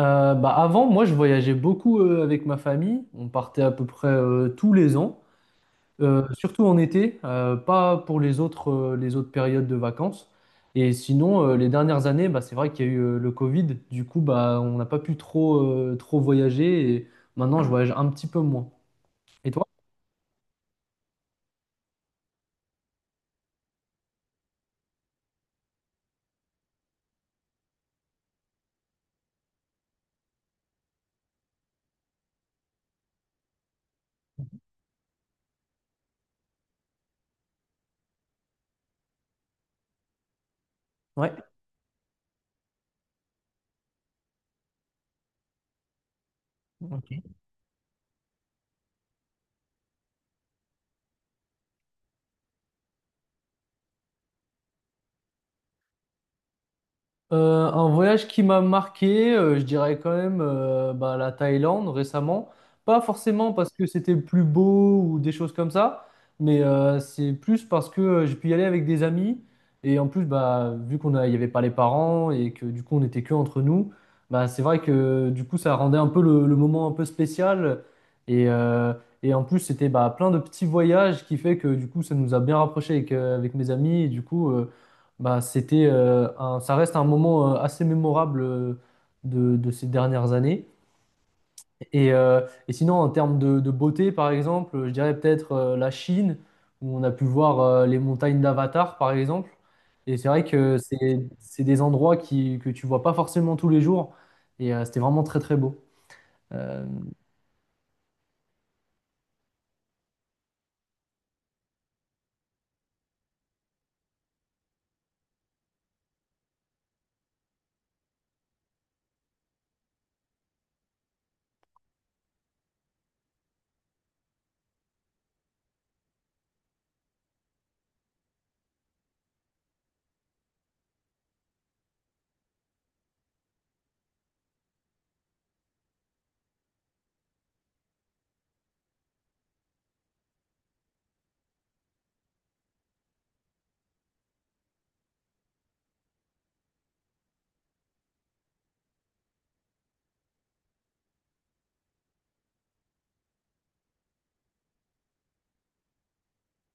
Bah avant, moi, je voyageais beaucoup avec ma famille. On partait à peu près tous les ans, surtout en été, pas pour les autres périodes de vacances. Et sinon, les dernières années, bah, c'est vrai qu'il y a eu le Covid. Du coup, bah, on n'a pas pu trop, trop voyager. Et maintenant, je voyage un petit peu moins. Et toi? Ouais. Ok. Un voyage qui m'a marqué, je dirais quand même bah, la Thaïlande récemment. Pas forcément parce que c'était le plus beau ou des choses comme ça, mais c'est plus parce que j'ai pu y aller avec des amis. Et en plus, bah, il n'y avait pas les parents et que du coup on était que entre nous, bah, c'est vrai que du coup ça rendait un peu le moment un peu spécial. Et, euh, et en plus, c'était bah, plein de petits voyages qui fait que du coup ça nous a bien rapprochés avec, avec mes amis. Et du coup. Bah, c'était ça reste un moment assez mémorable de ces dernières années. Et sinon, en termes de beauté, par exemple, je dirais peut-être la Chine, où on a pu voir les montagnes d'Avatar, par exemple. Et c'est vrai que c'est des endroits qui, que tu vois pas forcément tous les jours. C'était vraiment très, très beau. Euh,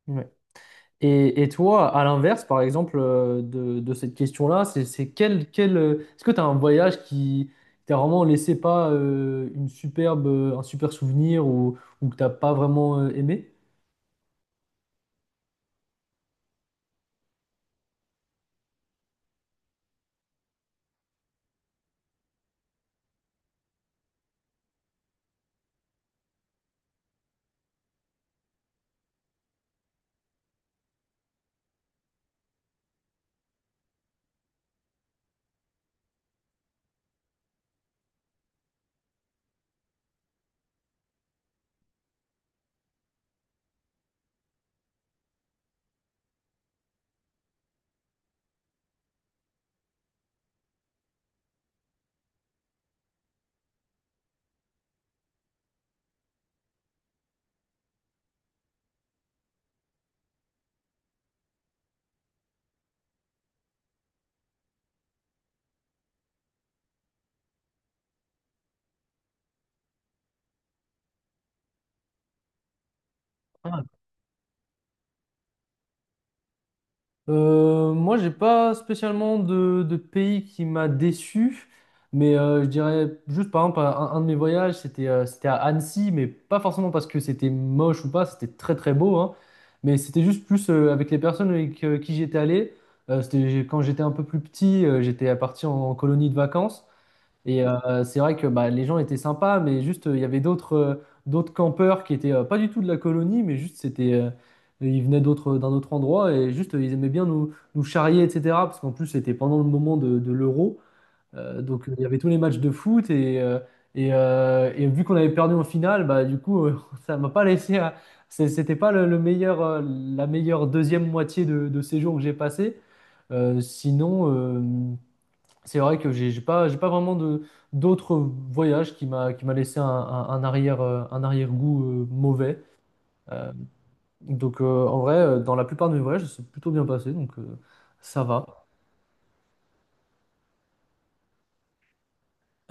ouais. Et toi, à l'inverse, par exemple, de cette question-là, c'est quel, quel, est-ce que tu as un voyage qui t'a vraiment laissé pas une superbe, un super souvenir ou que t'as pas vraiment aimé? Moi, j'ai pas spécialement de pays qui m'a déçu, mais je dirais juste par exemple un de mes voyages, c'était à Annecy, mais pas forcément parce que c'était moche ou pas, c'était très très beau, hein, mais c'était juste plus avec les personnes avec qui j'étais allé. Quand j'étais un peu plus petit, j'étais parti en colonie de vacances et c'est vrai que bah, les gens étaient sympas, mais juste, il y avait d'autres d'autres campeurs qui étaient pas du tout de la colonie, mais juste, ils venaient d'un autre endroit et juste, ils aimaient bien nous, nous charrier, etc. Parce qu'en plus, c'était pendant le moment de l'Euro. Donc, il y avait tous les matchs de foot et vu qu'on avait perdu en finale, bah, du coup, ça m'a pas laissé. C'était pas le, le meilleur, la meilleure deuxième moitié de séjour que j'ai passé. Sinon. C'est vrai que j'ai pas vraiment de d'autres voyages qui m'a laissé un arrière, un arrière-goût mauvais. Euh, donc en vrai, dans la plupart de mes voyages, c'est plutôt bien passé, donc ça va.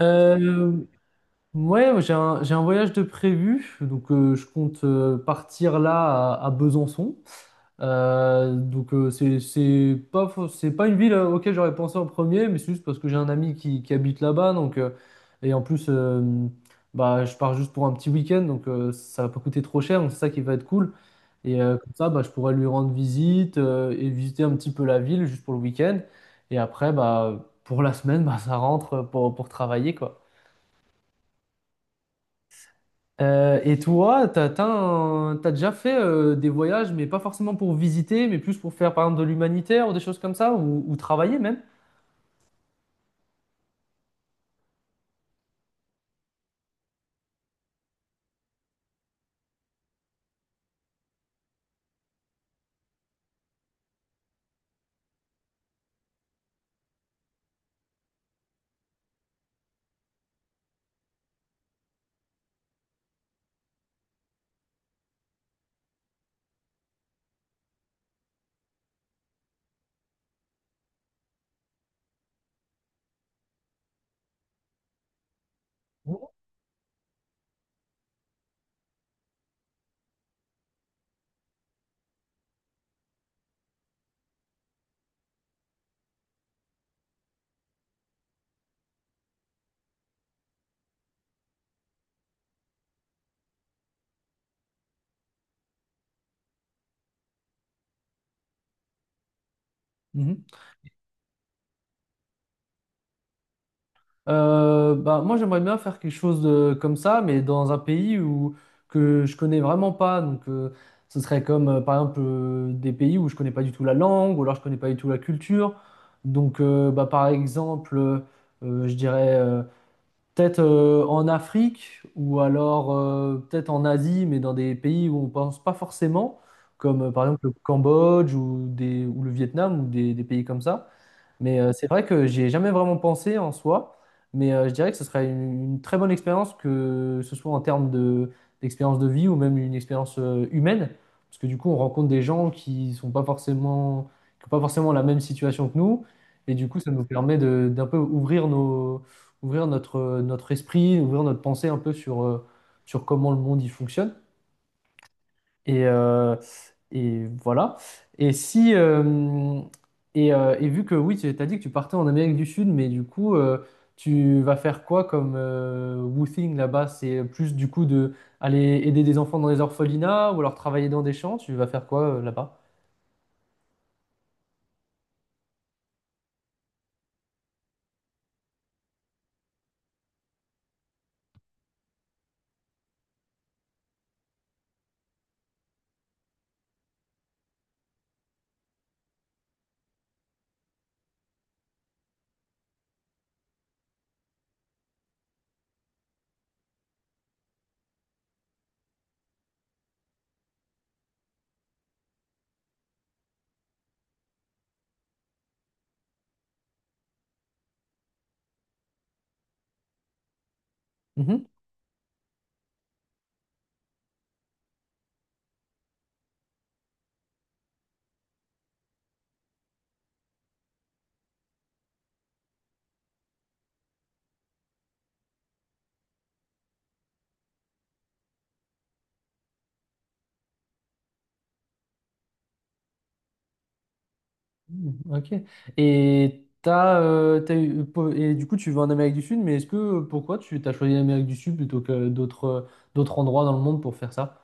Euh, ouais, j'ai un voyage de prévu, donc je compte partir là à Besançon. Donc c'est pas une ville auquel j'aurais pensé en premier, mais c'est juste parce que j'ai un ami qui habite là-bas, donc et en plus bah je pars juste pour un petit week-end, donc ça va pas coûter trop cher, donc c'est ça qui va être cool. Et comme ça, bah, je pourrais lui rendre visite et visiter un petit peu la ville juste pour le week-end. Et après, bah pour la semaine, bah ça rentre pour travailler quoi. Et toi, t'as déjà fait des voyages, mais pas forcément pour visiter, mais plus pour faire par exemple de l'humanitaire ou des choses comme ça, ou travailler même? Mhm. Bah, moi, j'aimerais bien faire quelque chose de, comme ça, mais dans un pays où, que je connais vraiment pas. Donc, ce serait comme, par exemple, des pays où je connais pas du tout la langue, ou alors je connais pas du tout la culture. Donc, bah, par exemple, je dirais peut-être en Afrique ou alors peut-être en Asie, mais dans des pays où on pense pas forcément, comme par exemple le Cambodge ou le Vietnam ou des pays comme ça. Mais c'est vrai que j'y ai jamais vraiment pensé en soi, mais je dirais que ce serait une très bonne expérience, que ce soit en termes de, d'expérience de vie ou même une expérience humaine, parce que du coup on rencontre des gens qui sont pas forcément, qui ont pas forcément la même situation que nous, et du coup ça nous permet de, d'un peu ouvrir nos, ouvrir notre, notre esprit, ouvrir notre pensée un peu sur, sur comment le monde y fonctionne. Et, euh, et voilà. Et si et, et vu que oui, tu as dit que tu partais en Amérique du Sud, mais du coup, tu vas faire quoi comme woofing là-bas? C'est plus du coup de aller aider des enfants dans les orphelinats ou alors travailler dans des champs? Tu vas faire quoi là-bas? Mhm. Mhm, ok. Et du coup, tu vas en Amérique du Sud, mais est-ce que pourquoi tu t'as choisi l'Amérique du Sud plutôt que d'autres endroits dans le monde pour faire ça?